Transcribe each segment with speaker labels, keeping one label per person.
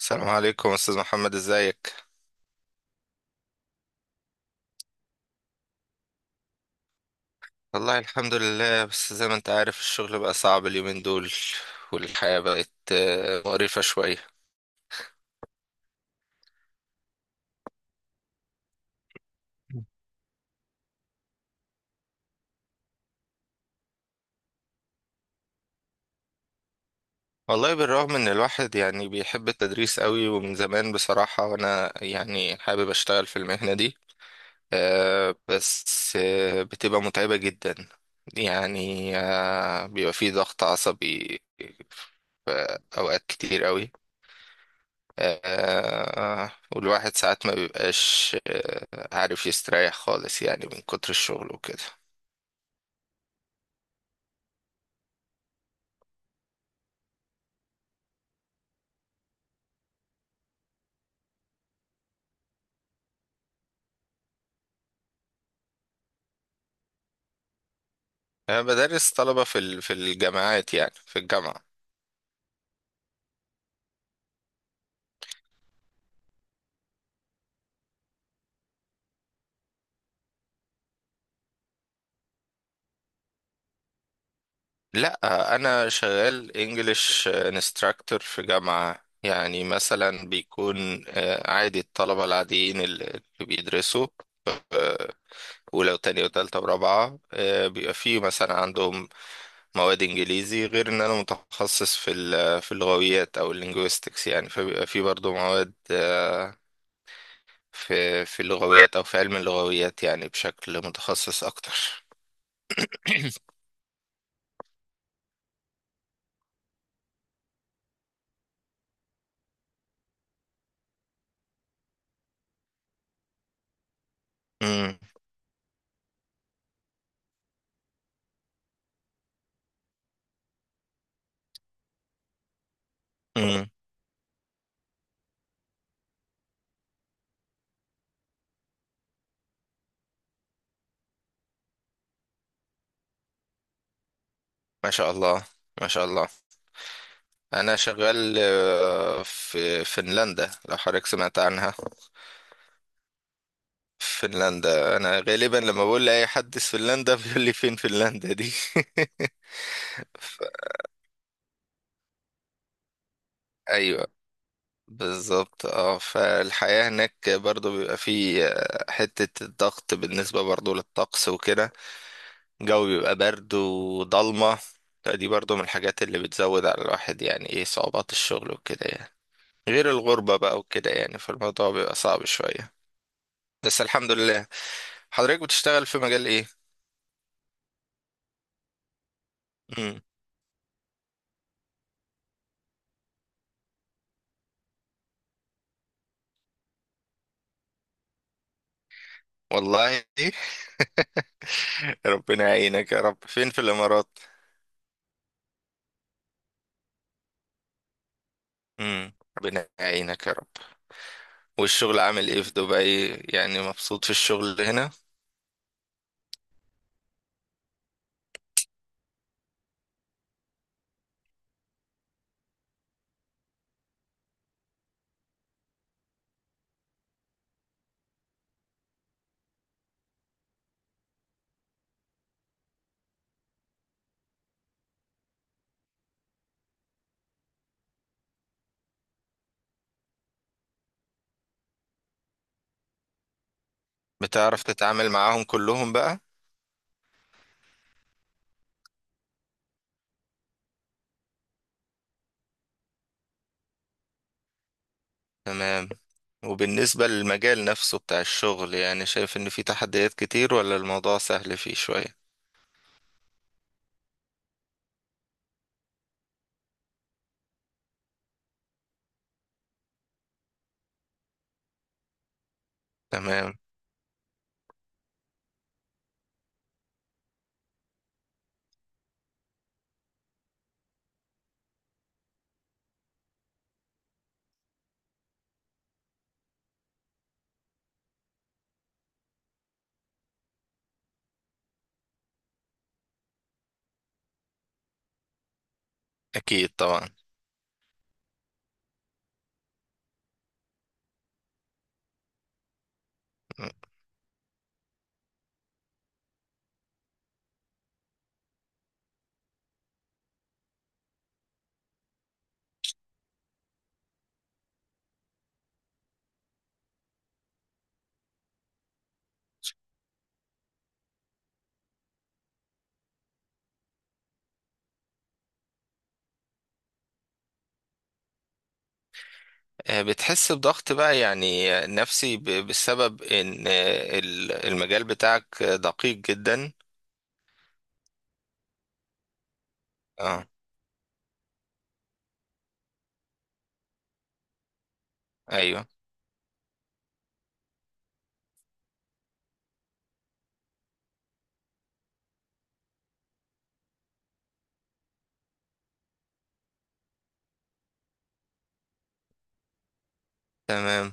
Speaker 1: السلام عليكم استاذ محمد، ازيك؟ والله الحمد لله، بس زي ما انت عارف الشغل بقى صعب اليومين دول. والحياة بقت مقرفة شوية. والله بالرغم ان الواحد يعني بيحب التدريس قوي ومن زمان بصراحة، وانا يعني حابب اشتغل في المهنة دي. بس بتبقى متعبة جدا. يعني بيبقى فيه ضغط عصبي في اوقات كتير قوي. والواحد ساعات ما بيبقاش عارف يستريح خالص، يعني من كتر الشغل وكده. أنا بدرس طلبة في الجامعات، يعني في الجامعة. لا، أنا شغال انجليش انستراكتور في جامعة. يعني مثلا بيكون عادي الطلبة العاديين اللي بيدرسوا، ولو تانية وتالتة ورابعة بيبقى فيه مثلا عندهم مواد انجليزي، غير ان انا متخصص في اللغويات او اللينجويستكس. يعني فبيبقى في برضو مواد في اللغويات او في علم اللغويات، يعني بشكل متخصص اكتر. امم. امم. ما شاء الله. ما شاء الله. انا شغال في فنلندا، لو حضرتك سمعت عنها. فنلندا، انا غالبا لما بقول لاي حد في فنلندا بيقول لي فين فنلندا دي. ايوه، بالظبط. اه، فالحياة هناك برضو بيبقى فيه حتة الضغط، بالنسبة برضو للطقس وكده. الجو بيبقى برد وضلمة. فدي برضو من الحاجات اللي بتزود على الواحد، يعني ايه صعوبات الشغل وكده يعني، غير الغربة بقى وكده يعني. فالموضوع بيبقى صعب شوية، بس الحمد لله. حضرتك بتشتغل في مجال ايه؟ مم. والله. ربنا يعينك يا رب. فين في الإمارات؟ مم. ربنا يعينك يا رب. والشغل عامل ايه في دبي؟ يعني مبسوط في الشغل هنا؟ بتعرف تتعامل معاهم كلهم بقى؟ تمام. وبالنسبة للمجال نفسه بتاع الشغل، يعني شايف ان في تحديات كتير، ولا الموضوع سهل فيه شوية؟ تمام. اكيد طبعا. بتحس بضغط بقى يعني نفسي، بسبب ان المجال بتاعك دقيق جدا. اه. ايوه. تمام.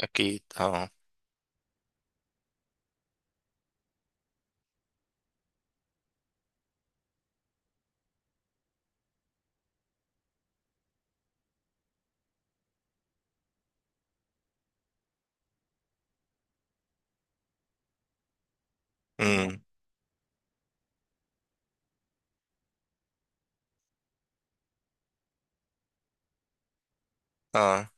Speaker 1: اكيد. اه. امم. اه.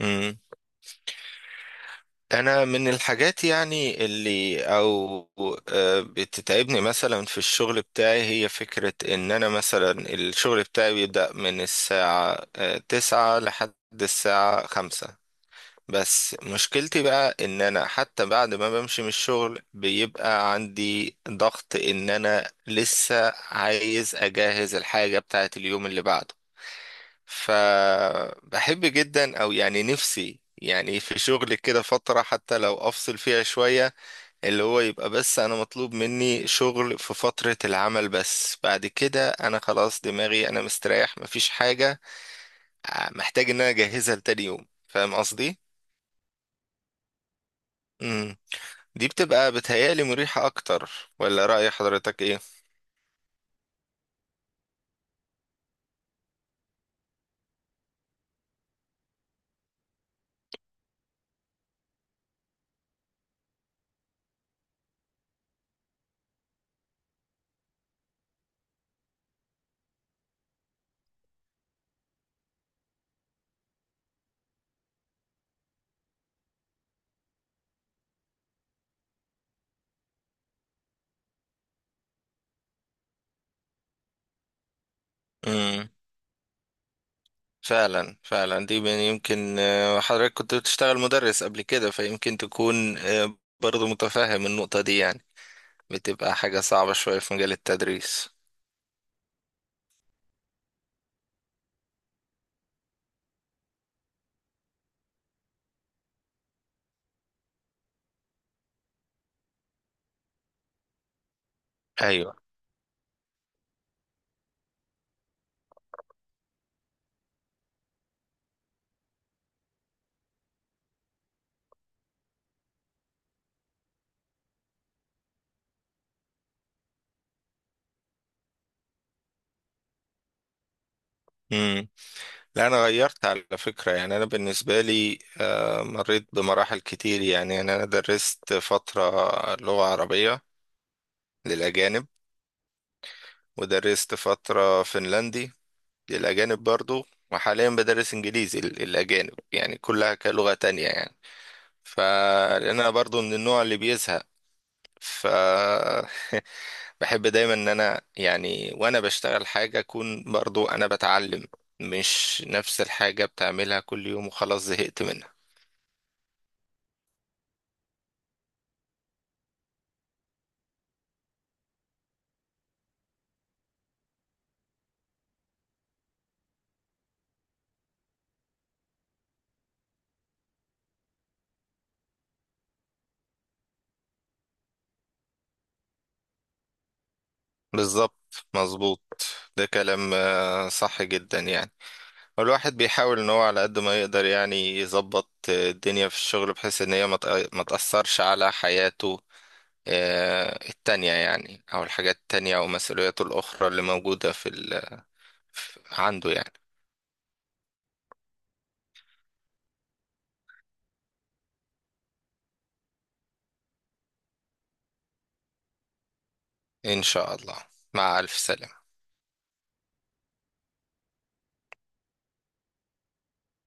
Speaker 1: امم. انا من الحاجات يعني اللي او بتتعبني، مثلا في الشغل بتاعي، هي فكرة ان انا مثلا الشغل بتاعي بيبدأ من الساعة تسعة لحد الساعة خمسة. بس مشكلتي بقى ان انا حتى بعد ما بمشي من الشغل بيبقى عندي ضغط، ان انا لسه عايز اجهز الحاجة بتاعت اليوم اللي بعده. فبحب جدا، او يعني نفسي يعني، في شغل كده فترة حتى لو افصل فيها شوية، اللي هو يبقى بس انا مطلوب مني شغل في فترة العمل، بس بعد كده انا خلاص دماغي، انا مستريح، مفيش حاجة محتاج ان انا اجهزها لتاني يوم. فاهم قصدي؟ امم. دي بتبقى بتهيألي مريحة اكتر، ولا رأي حضرتك ايه؟ فعلا فعلا. يمكن حضرتك كنت بتشتغل مدرس قبل كده، فيمكن تكون برضو متفهم النقطة دي، يعني بتبقى حاجة صعبة شوية في مجال التدريس. ايوه. امم. لا، انا غيرت على فكرة. يعني انا بالنسبة لي مريت بمراحل كتير، يعني انا درست فترة لغة عربية للأجانب، ودرست فترة فنلندي للأجانب برضو، وحاليا بدرس إنجليزي للأجانب، يعني كلها كلغة تانية يعني. فلان انا برضو من النوع اللي بيزهق، ف بحب دايما ان انا، يعني وانا بشتغل حاجة، اكون برضو انا بتعلم، مش نفس الحاجة بتعملها كل يوم وخلاص زهقت منها. بالظبط مظبوط. ده كلام صح جدا يعني. والواحد بيحاول ان هو على قد ما يقدر يعني يظبط الدنيا في الشغل، بحيث ان هي ما تأثرش على حياته التانية يعني، او الحاجات التانية، او مسؤولياته الاخرى اللي موجودة في ال عنده يعني. إن شاء الله. مع ألف سلامة.